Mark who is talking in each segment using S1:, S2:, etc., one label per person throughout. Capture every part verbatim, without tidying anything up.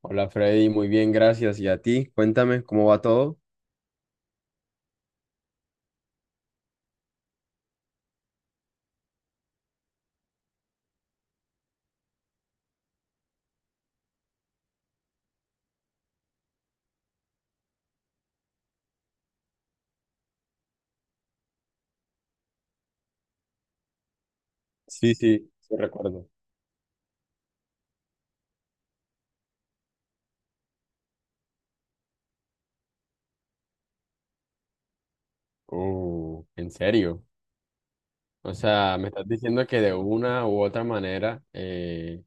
S1: Hola Freddy, muy bien, gracias. ¿Y a ti? Cuéntame, ¿cómo va todo? Sí, sí, sí recuerdo. Uh, ¿en serio? O sea, me estás diciendo que de una u otra manera eh,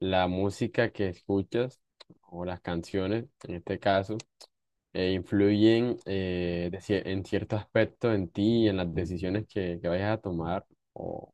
S1: la música que escuchas o las canciones, en este caso, eh, influyen eh, de cier- en cierto aspecto en ti y en las decisiones que, que vayas a tomar. O,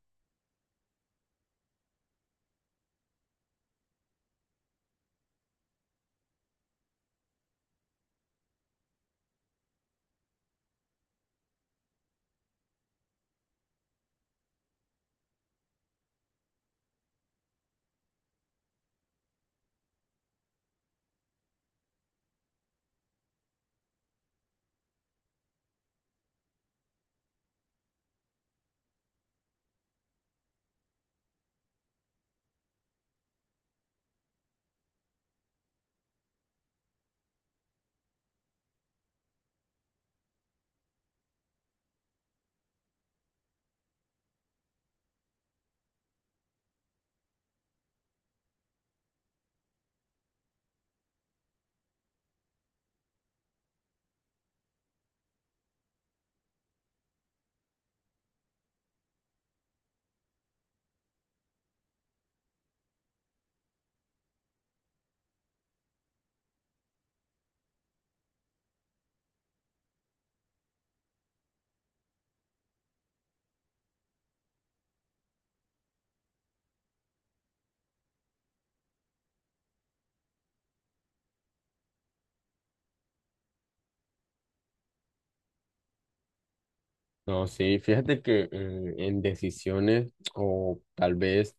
S1: no, sí, fíjate que eh, en decisiones o tal vez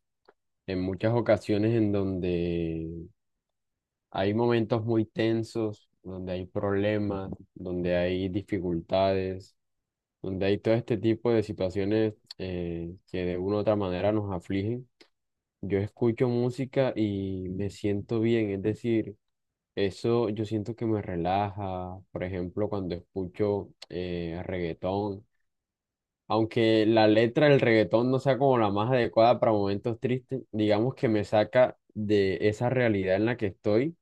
S1: en muchas ocasiones en donde hay momentos muy tensos, donde hay problemas, donde hay dificultades, donde hay todo este tipo de situaciones eh, que de una u otra manera nos afligen. Yo escucho música y me siento bien, es decir, eso yo siento que me relaja. Por ejemplo, cuando escucho eh, reggaetón. Aunque la letra del reggaetón no sea como la más adecuada para momentos tristes, digamos que me saca de esa realidad en la que estoy.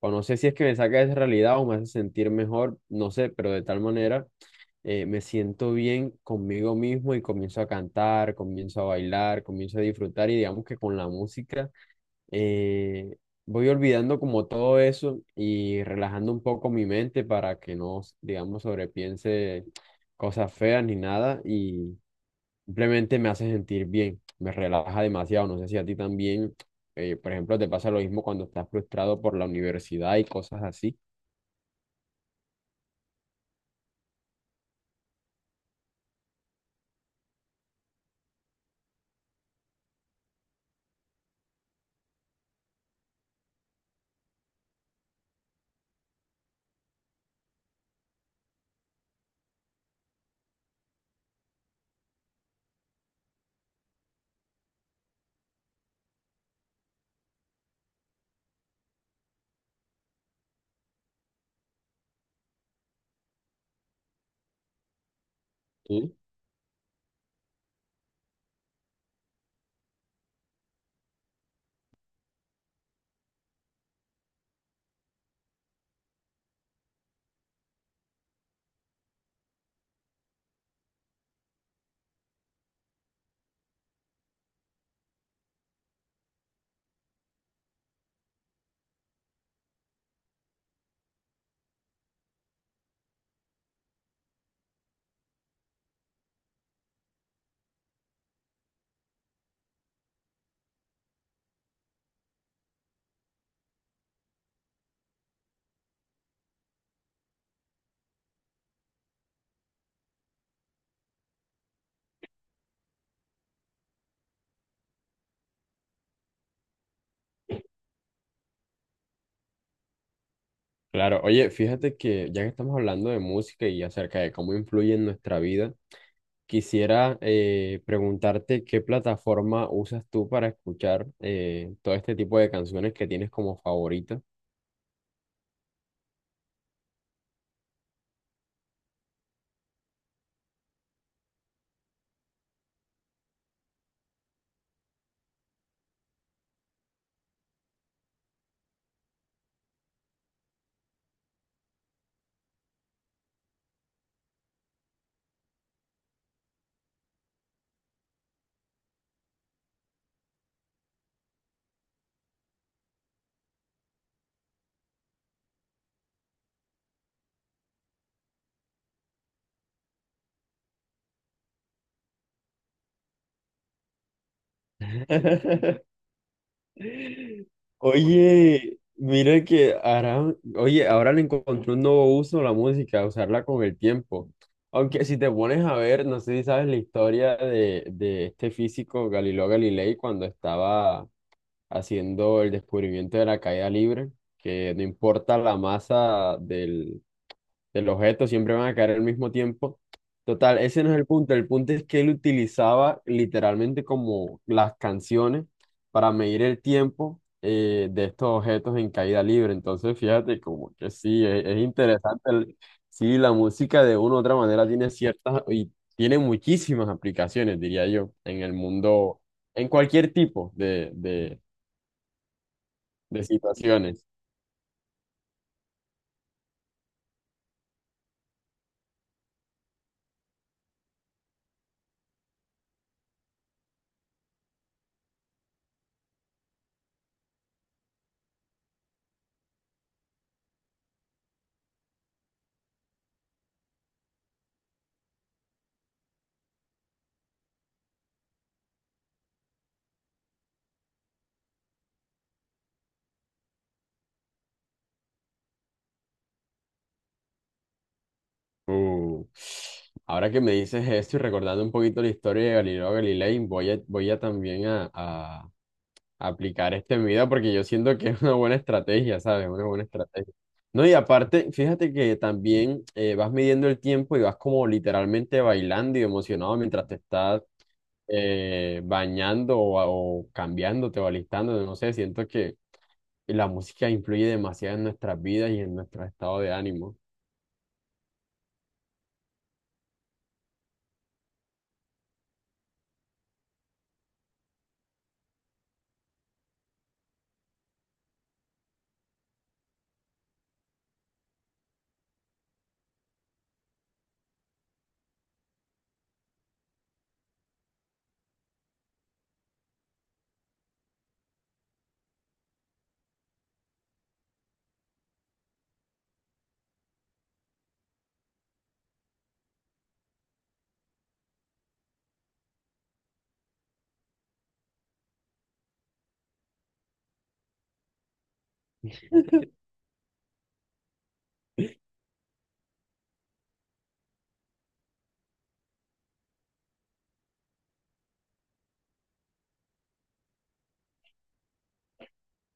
S1: O no sé si es que me saca de esa realidad o me hace sentir mejor, no sé, pero de tal manera eh, me siento bien conmigo mismo y comienzo a cantar, comienzo a bailar, comienzo a disfrutar y digamos que con la música eh, voy olvidando como todo eso y relajando un poco mi mente para que no, digamos, sobrepiense cosas feas ni nada. Y simplemente me hace sentir bien, me relaja demasiado. No sé si a ti también, eh, por ejemplo, te pasa lo mismo cuando estás frustrado por la universidad y cosas así. Sí. Claro, oye, fíjate que ya que estamos hablando de música y acerca de cómo influye en nuestra vida, quisiera eh, preguntarte qué plataforma usas tú para escuchar eh, todo este tipo de canciones que tienes como favoritas. Oye, mira que ahora, oye, ahora le encontré un nuevo uso a la música, usarla con el tiempo. Aunque si te pones a ver, no sé si sabes la historia de, de este físico Galileo Galilei cuando estaba haciendo el descubrimiento de la caída libre, que no importa la masa del objeto, siempre van a caer al mismo tiempo. Total, ese no es el punto. El punto es que él utilizaba literalmente como las canciones para medir el tiempo eh, de estos objetos en caída libre. Entonces, fíjate, como que sí, es, es interesante. El- sí, la música de una u otra manera tiene ciertas y tiene muchísimas aplicaciones, diría yo, en el mundo, en cualquier tipo de, de de situaciones. Uh, Ahora que me dices esto y recordando un poquito la historia de Galileo Galilei, voy a, voy a también a, a aplicar este en mi vida porque yo siento que es una buena estrategia, ¿sabes? Una buena estrategia. No, y aparte, fíjate que también eh, vas midiendo el tiempo y vas como literalmente bailando y emocionado mientras te estás eh, bañando o, o cambiándote o alistando, no sé, siento que la música influye demasiado en nuestras vidas y en nuestro estado de ánimo.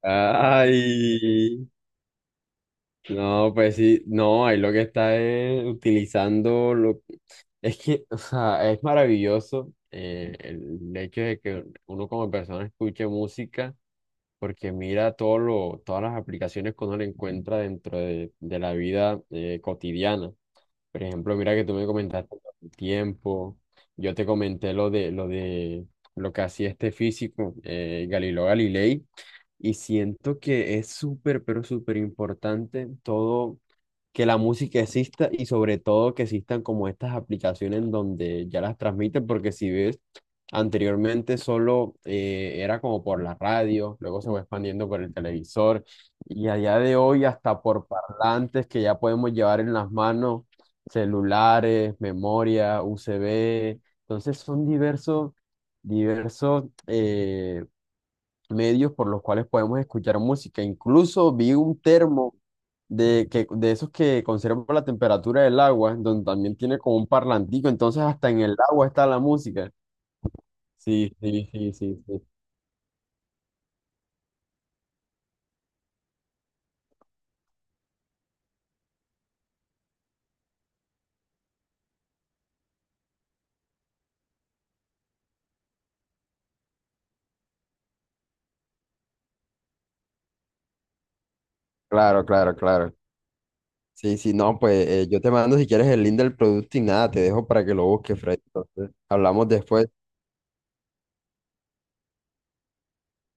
S1: Ay. No, pues sí, no, ahí lo que está es utilizando lo... Es que, o sea, es maravilloso eh, el hecho de que uno como persona escuche música porque mira todo lo, todas las aplicaciones que uno le encuentra dentro de, de la vida eh, cotidiana. Por ejemplo, mira que tú me comentaste el tiempo, yo te comenté lo de lo de lo que hacía este físico, eh, Galileo Galilei, y siento que es súper, pero súper importante todo, que la música exista y sobre todo que existan como estas aplicaciones en donde ya las transmiten, porque si ves, anteriormente solo eh, era como por la radio, luego se fue expandiendo por el televisor y allá de hoy hasta por parlantes que ya podemos llevar en las manos, celulares, memoria, U S B. Entonces son diversos, diversos eh, medios por los cuales podemos escuchar música. Incluso vi un termo de, que, de esos que conservan la temperatura del agua, donde también tiene como un parlantico, entonces hasta en el agua está la música. Sí, sí, sí, sí, sí. Claro, claro, claro. Sí, sí, no, pues eh, yo te te mando si quieres el link del producto y nada. Te dejo para que lo busques, Fred. Entonces hablamos después.